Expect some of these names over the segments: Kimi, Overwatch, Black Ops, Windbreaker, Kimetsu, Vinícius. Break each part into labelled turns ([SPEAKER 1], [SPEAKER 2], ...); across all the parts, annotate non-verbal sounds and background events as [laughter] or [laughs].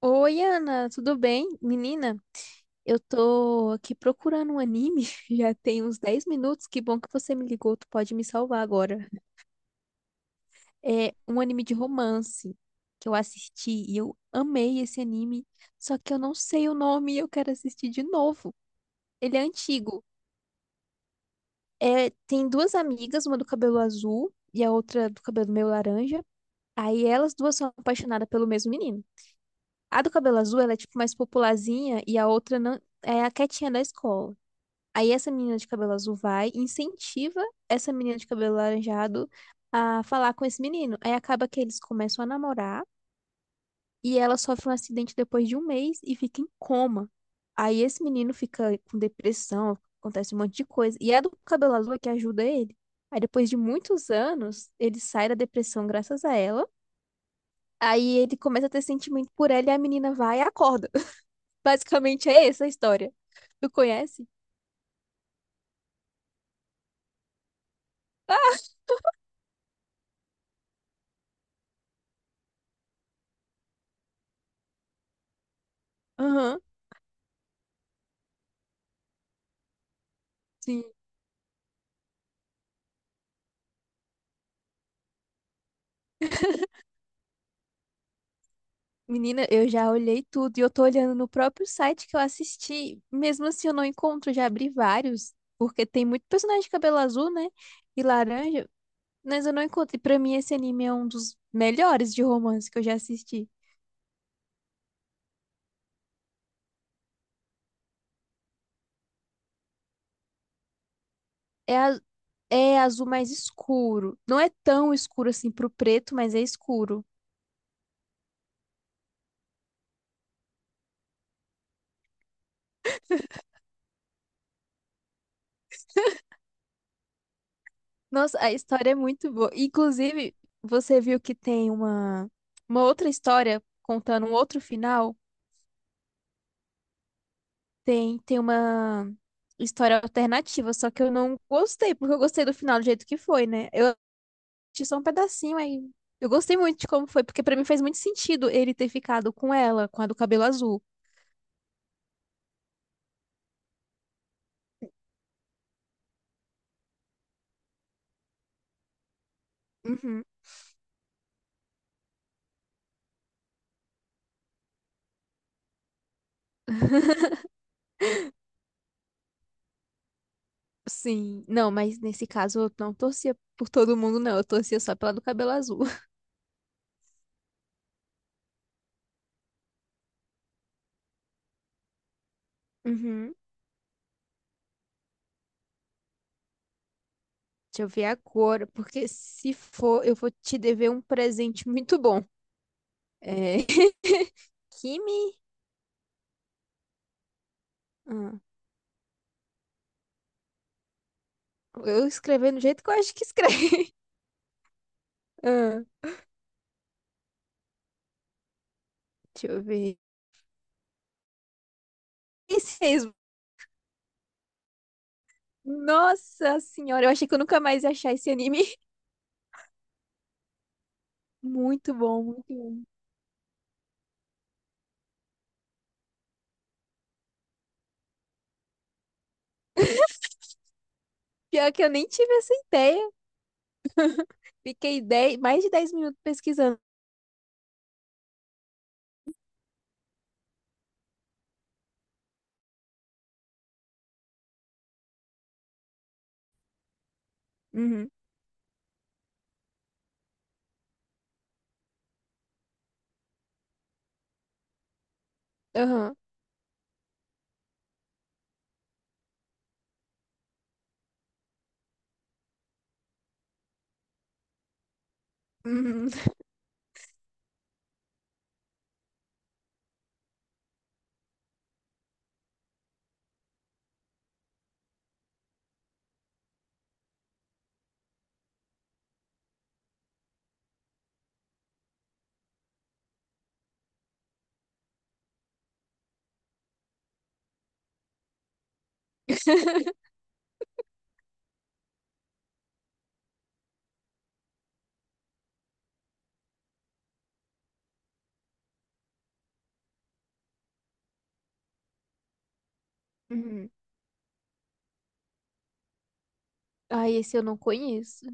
[SPEAKER 1] Oi, Ana, tudo bem? Menina, eu tô aqui procurando um anime, [laughs] já tem uns 10 minutos, que bom que você me ligou, tu pode me salvar agora. É um anime de romance que eu assisti e eu amei esse anime, só que eu não sei o nome e eu quero assistir de novo. Ele é antigo. É, tem duas amigas, uma do cabelo azul e a outra do cabelo meio laranja. Aí elas duas são apaixonadas pelo mesmo menino. A do cabelo azul, ela é tipo mais popularzinha e a outra não, é a quietinha da escola. Aí essa menina de cabelo azul vai e incentiva essa menina de cabelo laranjado a falar com esse menino. Aí acaba que eles começam a namorar e ela sofre um acidente depois de um mês e fica em coma. Aí esse menino fica com depressão, acontece um monte de coisa. E é a do cabelo azul é que ajuda ele. Aí depois de muitos anos, ele sai da depressão graças a ela. Aí ele começa a ter sentimento por ela e a menina vai e acorda. [laughs] Basicamente é essa a história. Tu conhece? Aham. Sim. Menina, eu já olhei tudo e eu tô olhando no próprio site que eu assisti. Mesmo assim, eu não encontro, já abri vários, porque tem muito personagem de cabelo azul, né? E laranja, mas eu não encontro. E pra mim, esse anime é um dos melhores de romance que eu já assisti. É, é azul mais escuro. Não é tão escuro assim pro preto, mas é escuro. Nossa, a história é muito boa. Inclusive, você viu que tem uma outra história contando um outro final? Tem uma história alternativa, só que eu não gostei, porque eu gostei do final do jeito que foi, né? Eu assisti só um pedacinho aí. Eu gostei muito de como foi, porque pra mim fez muito sentido ele ter ficado com ela, com a do cabelo azul. Uhum. [laughs] Sim, não, mas nesse caso eu não torcia por todo mundo, não. Eu torcia só pela do cabelo azul. [laughs] Uhum. Deixa eu ver agora, porque se for, eu vou te dever um presente muito bom. É... [laughs] Kimi? Ah, eu escrevi do jeito que eu acho que escreve. [laughs] Ah. Deixa eu ver. Esse mesmo. Nossa senhora, eu achei que eu nunca mais ia achar esse anime. [laughs] Muito bom, muito bom. Pior que eu nem tive essa ideia. Fiquei 10, mais de 10 minutos pesquisando. Uhum, aham, uhum, [laughs] uhum. Ai, esse eu não conheço.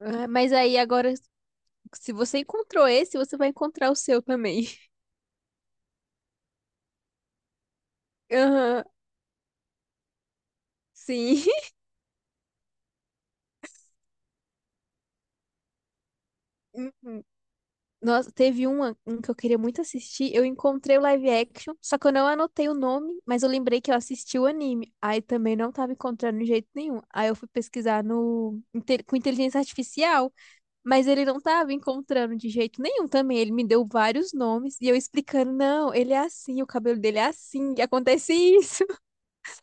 [SPEAKER 1] Ah, mas aí agora, se você encontrou esse, você vai encontrar o seu também. [laughs] Aham, sim. [laughs] Uhum. Nossa, teve um que eu queria muito assistir. Eu encontrei o live action, só que eu não anotei o nome, mas eu lembrei que eu assisti o anime. Aí também não tava encontrando de jeito nenhum. Aí eu fui pesquisar no, inte- com inteligência artificial, mas ele não tava encontrando de jeito nenhum também. Ele me deu vários nomes e eu explicando: não, ele é assim, o cabelo dele é assim, e acontece isso. [laughs]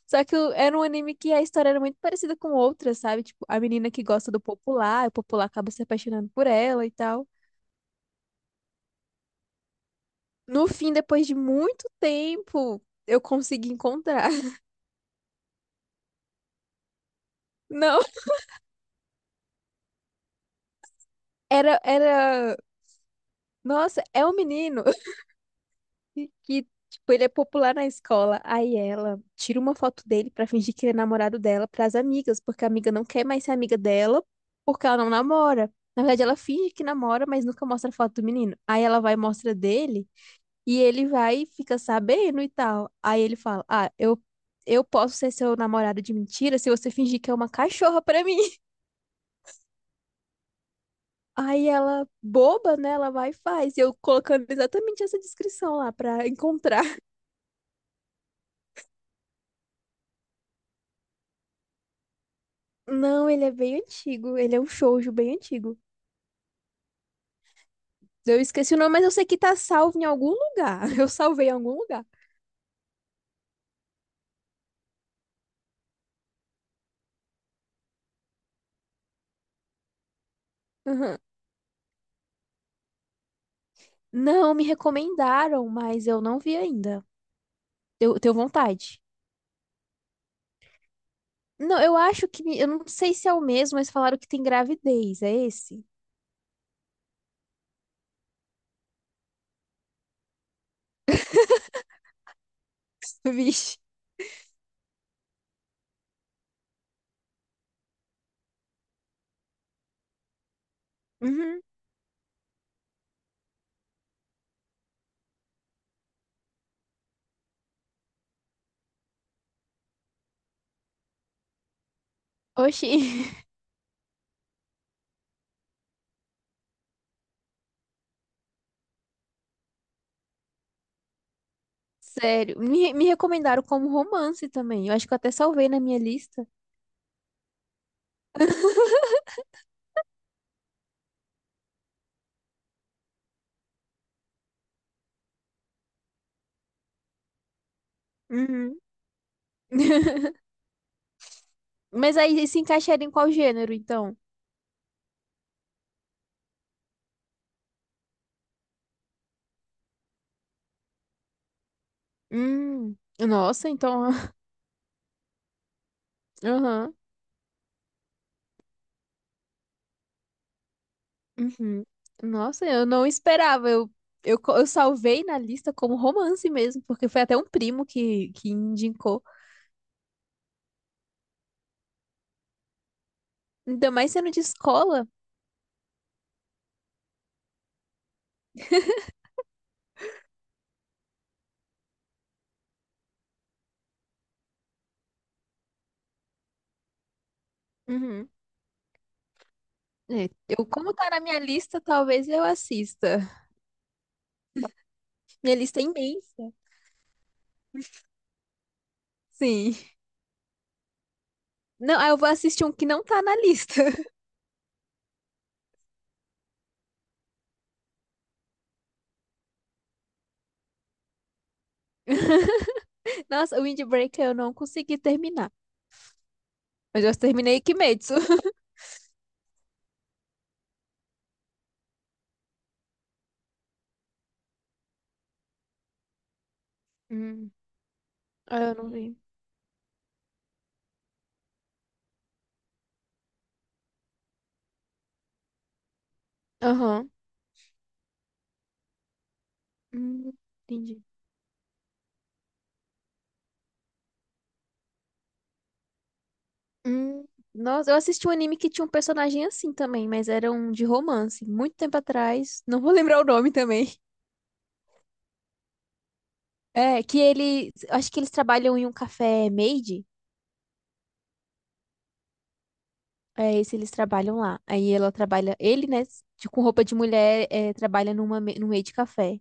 [SPEAKER 1] Só que era um anime que a história era muito parecida com outras, sabe? Tipo, a menina que gosta do popular, o popular acaba se apaixonando por ela e tal. No fim, depois de muito tempo, eu consegui encontrar. [laughs] Não, era. Nossa, é um menino [laughs] que, tipo, ele é popular na escola. Aí ela tira uma foto dele pra fingir que ele é namorado dela pras amigas, porque a amiga não quer mais ser amiga dela, porque ela não namora. Na verdade, ela finge que namora, mas nunca mostra a foto do menino. Aí ela vai e mostra dele, e ele vai e fica sabendo e tal. Aí ele fala: Ah, eu posso ser seu namorado de mentira se você fingir que é uma cachorra pra mim. Aí ela, boba, né? Ela vai e faz. E eu colocando exatamente essa descrição lá pra encontrar. [laughs] Não, ele é bem antigo. Ele é um shoujo bem antigo. Eu esqueci o nome, mas eu sei que tá salvo em algum lugar. [laughs] Eu salvei em algum lugar. Aham. Não, me recomendaram, mas eu não vi ainda. Eu tenho vontade. Não, eu acho que. Eu não sei se é o mesmo, mas falaram que tem gravidez. É esse? [laughs] Vixe. Uhum. Oxi. [laughs] Sério. Me recomendaram como romance também. Eu acho que eu até salvei na minha lista. Uhum. [laughs] Mas aí se encaixaria em qual gênero, então? Hum, Nossa, então. [laughs] Aham. Uhum. Nossa, eu não esperava. Eu salvei na lista como romance mesmo, porque foi até um primo que indicou. Ainda mais sendo de escola. Uhum. É, eu, como tá na minha lista, talvez eu assista. Minha lista é imensa. Sim. Não, aí eu vou assistir um que não tá na lista. [laughs] Nossa, o Windbreaker eu não consegui terminar. Mas eu terminei Kimetsu. Hum. Ah, eu não vi. Aham. Hum, Entendi. Hum, Nossa, eu assisti um anime que tinha um personagem assim também, mas era um de romance, muito tempo atrás. Não vou [laughs] lembrar o nome também. É, que ele. Acho que eles trabalham em um café maid. É esse eles trabalham lá. Aí ela trabalha. Ele, né, com roupa de mulher, é, trabalha num maid café.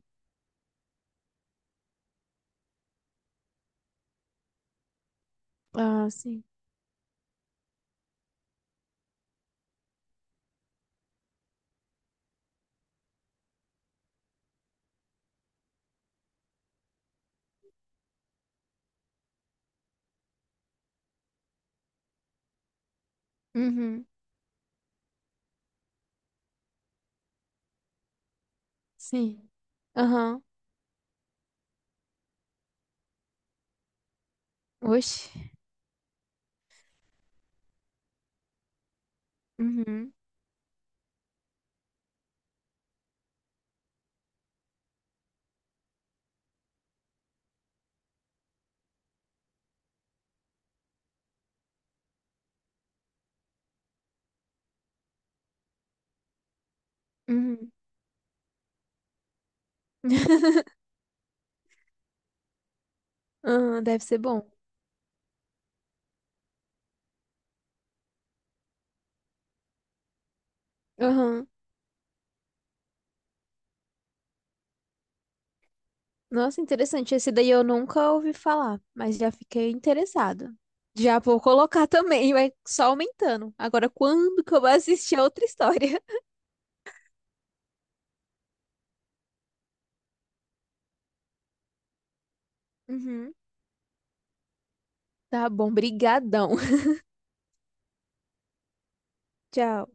[SPEAKER 1] Ah, sim. Uhum. Sim. Aham. Oxe. Uhum. Uhum. [laughs] Aham, deve ser bom. Nossa, interessante. Esse daí eu nunca ouvi falar, mas já fiquei interessado. Já vou colocar [laughs] também, vai só aumentando. Agora, quando que eu vou assistir a outra história? [laughs] Uhum. Tá bom, brigadão. [laughs] Tchau.